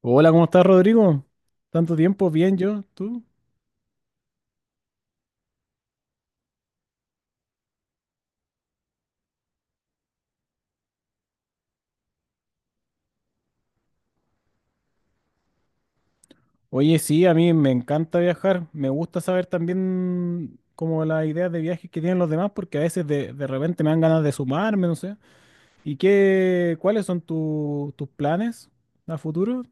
Hola, ¿cómo estás, Rodrigo? Tanto tiempo, bien yo, ¿tú? Oye, sí, a mí me encanta viajar. Me gusta saber también como las ideas de viajes que tienen los demás, porque a veces de repente me dan ganas de sumarme, no sé. ¿Y qué, cuáles son tus planes a futuro?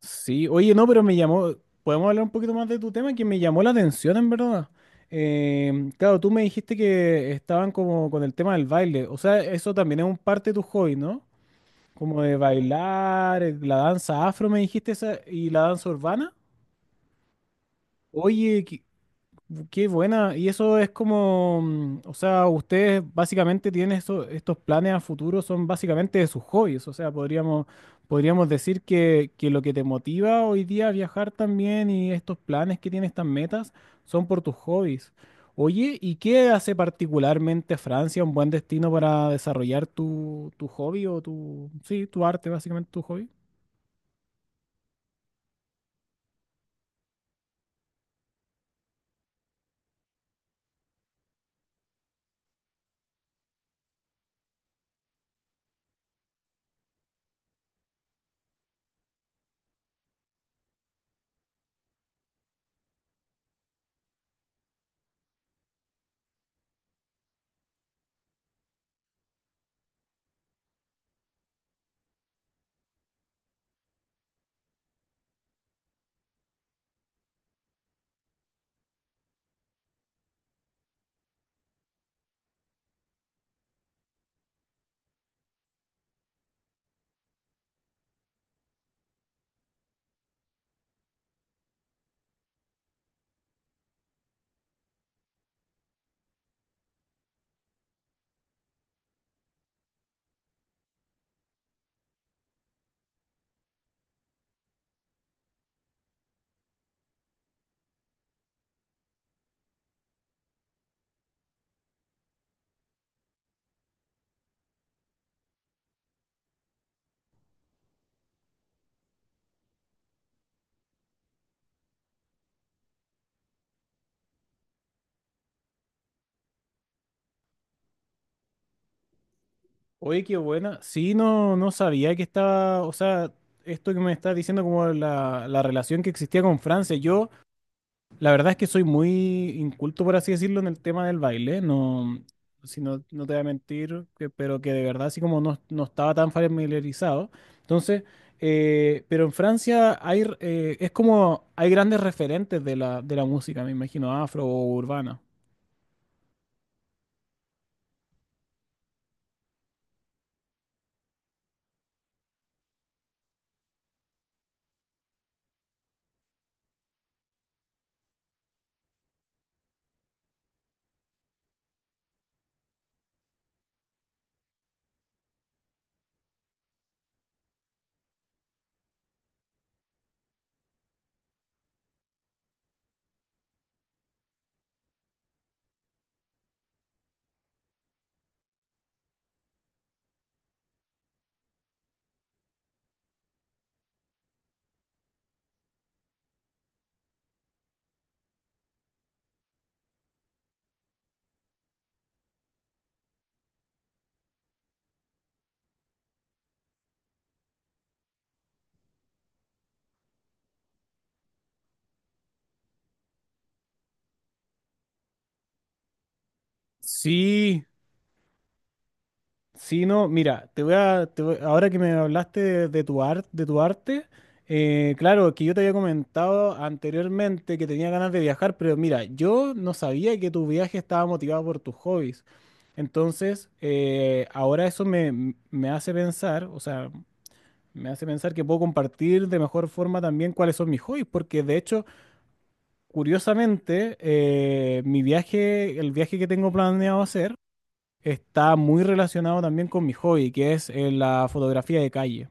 Sí, oye, no, pero me llamó, podemos hablar un poquito más de tu tema, que me llamó la atención, en verdad. Claro, tú me dijiste que estaban como con el tema del baile, o sea, eso también es un parte de tu hobby, ¿no? Como de bailar, la danza afro, me dijiste esa, y la danza urbana. Oye, qué buena. Y eso es como, o sea, ustedes básicamente tienen estos planes a futuro, son básicamente de sus hobbies. O sea, podríamos decir que lo que te motiva hoy día a viajar también y estos planes que tienes, estas metas, son por tus hobbies. Oye, ¿y qué hace particularmente Francia un buen destino para desarrollar tu, tu hobby o tu, sí, tu arte, básicamente tu hobby? Oye, qué buena. Sí, no, no sabía que estaba, o sea, esto que me estás diciendo como la relación que existía con Francia. Yo, la verdad es que soy muy inculto, por así decirlo, en el tema del baile. No, si no, no te voy a mentir, pero que de verdad así como no, no estaba tan familiarizado. Entonces, pero en Francia hay, es como, hay grandes referentes de la música, me imagino, afro o urbana. Sí, sí, no, mira, ahora que me hablaste de tu arte, claro, que yo te había comentado anteriormente que tenía ganas de viajar, pero mira, yo no sabía que tu viaje estaba motivado por tus hobbies. Entonces, ahora eso me, me hace pensar, o sea, me hace pensar que puedo compartir de mejor forma también cuáles son mis hobbies, porque de hecho, curiosamente, mi viaje, el viaje que tengo planeado hacer, está muy relacionado también con mi hobby, que es la fotografía de calle.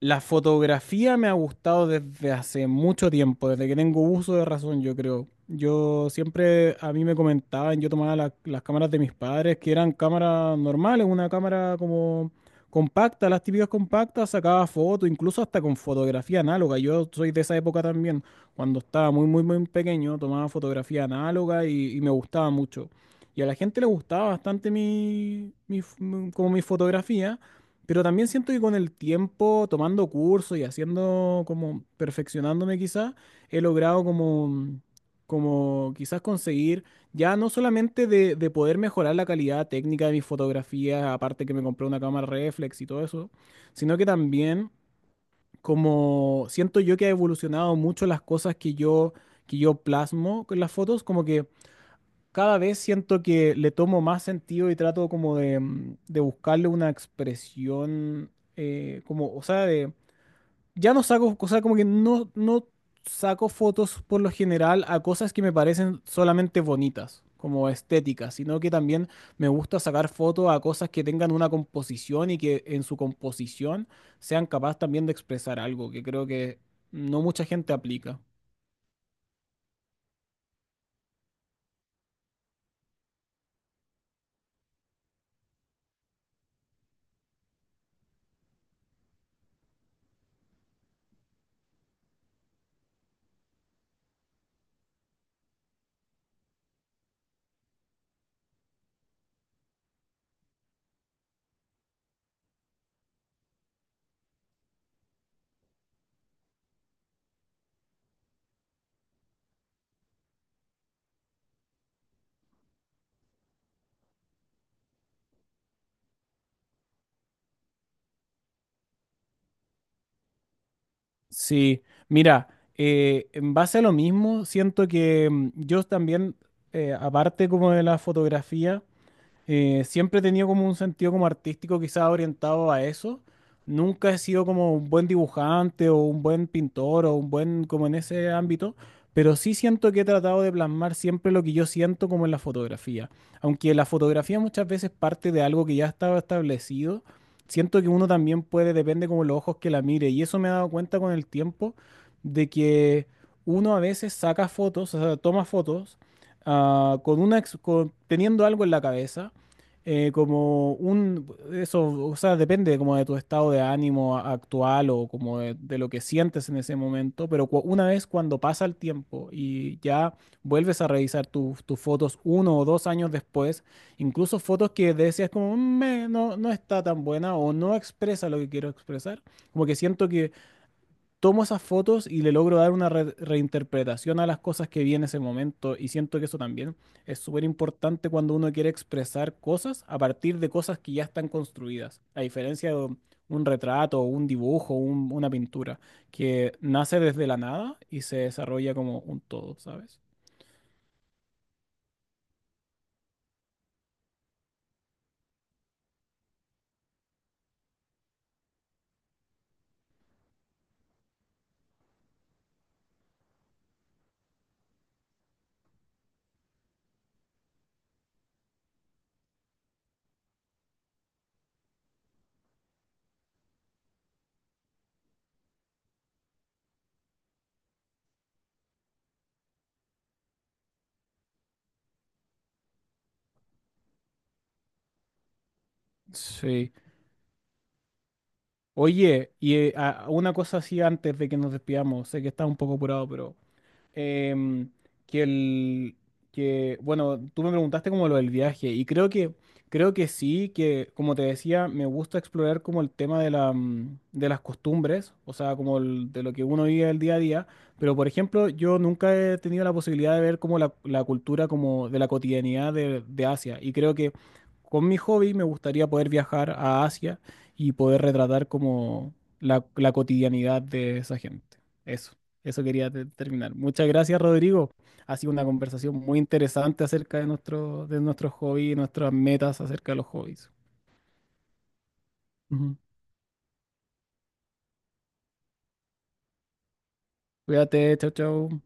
La fotografía me ha gustado desde hace mucho tiempo, desde que tengo uso de razón, yo creo. Yo siempre, a mí me comentaban, yo tomaba las cámaras de mis padres, que eran cámaras normales, una cámara como compacta, las típicas compactas, sacaba fotos, incluso hasta con fotografía análoga. Yo soy de esa época también, cuando estaba muy, muy, muy pequeño, tomaba fotografía análoga y me gustaba mucho. Y a la gente le gustaba bastante mi, como mi fotografía. Pero también siento que con el tiempo, tomando cursos y haciendo como perfeccionándome quizás, he logrado como, como quizás conseguir ya no solamente de poder mejorar la calidad técnica de mis fotografías, aparte que me compré una cámara reflex y todo eso, sino que también como siento yo que ha evolucionado mucho las cosas que yo plasmo con las fotos, como que cada vez siento que le tomo más sentido y trato como de, de buscarle una expresión, como, o sea, de, ya no saco, o sea, como que no, no saco fotos por lo general a cosas que me parecen solamente bonitas, como estéticas, sino que también me gusta sacar fotos a cosas que tengan una composición y que en su composición sean capaces también de expresar algo, que creo que no mucha gente aplica. Sí, mira, en base a lo mismo, siento que yo también, aparte como de la fotografía, siempre he tenido como un sentido como artístico quizá orientado a eso. Nunca he sido como un buen dibujante o un buen pintor o un buen como en ese ámbito, pero sí siento que he tratado de plasmar siempre lo que yo siento como en la fotografía. Aunque la fotografía muchas veces parte de algo que ya estaba establecido, siento que uno también puede, depende como los ojos que la mire. Y eso me he dado cuenta con el tiempo de que uno a veces saca fotos, o sea, toma fotos con una, teniendo algo en la cabeza como un, eso, o sea, depende como de tu estado de ánimo actual o como de lo que sientes en ese momento, pero una vez cuando pasa el tiempo y ya vuelves a revisar tus fotos uno o dos años después, incluso fotos que decías como "Mm, no, no está tan buena o no expresa lo que quiero expresar, como que siento que tomo esas fotos y le logro dar una reinterpretación a las cosas que vi en ese momento y siento que eso también es súper importante cuando uno quiere expresar cosas a partir de cosas que ya están construidas, a diferencia de un retrato, un dibujo, una pintura, que nace desde la nada y se desarrolla como un todo, ¿sabes? Sí. Oye, y una cosa así antes de que nos despidamos, sé que estás un poco apurado, pero em, que el que bueno, tú me preguntaste como lo del viaje y creo que sí, que como te decía, me gusta explorar como el tema de la, de las costumbres, o sea, como de lo que uno vive el día a día, pero por ejemplo, yo nunca he tenido la posibilidad de ver como la cultura como de la cotidianidad de Asia y creo que con mi hobby me gustaría poder viajar a Asia y poder retratar como la cotidianidad de esa gente. Eso. Eso quería terminar. Muchas gracias, Rodrigo. Ha sido una conversación muy interesante acerca de nuestro, de nuestros hobbies y nuestras metas acerca de los hobbies. Ujú. Cuídate, chao, chao.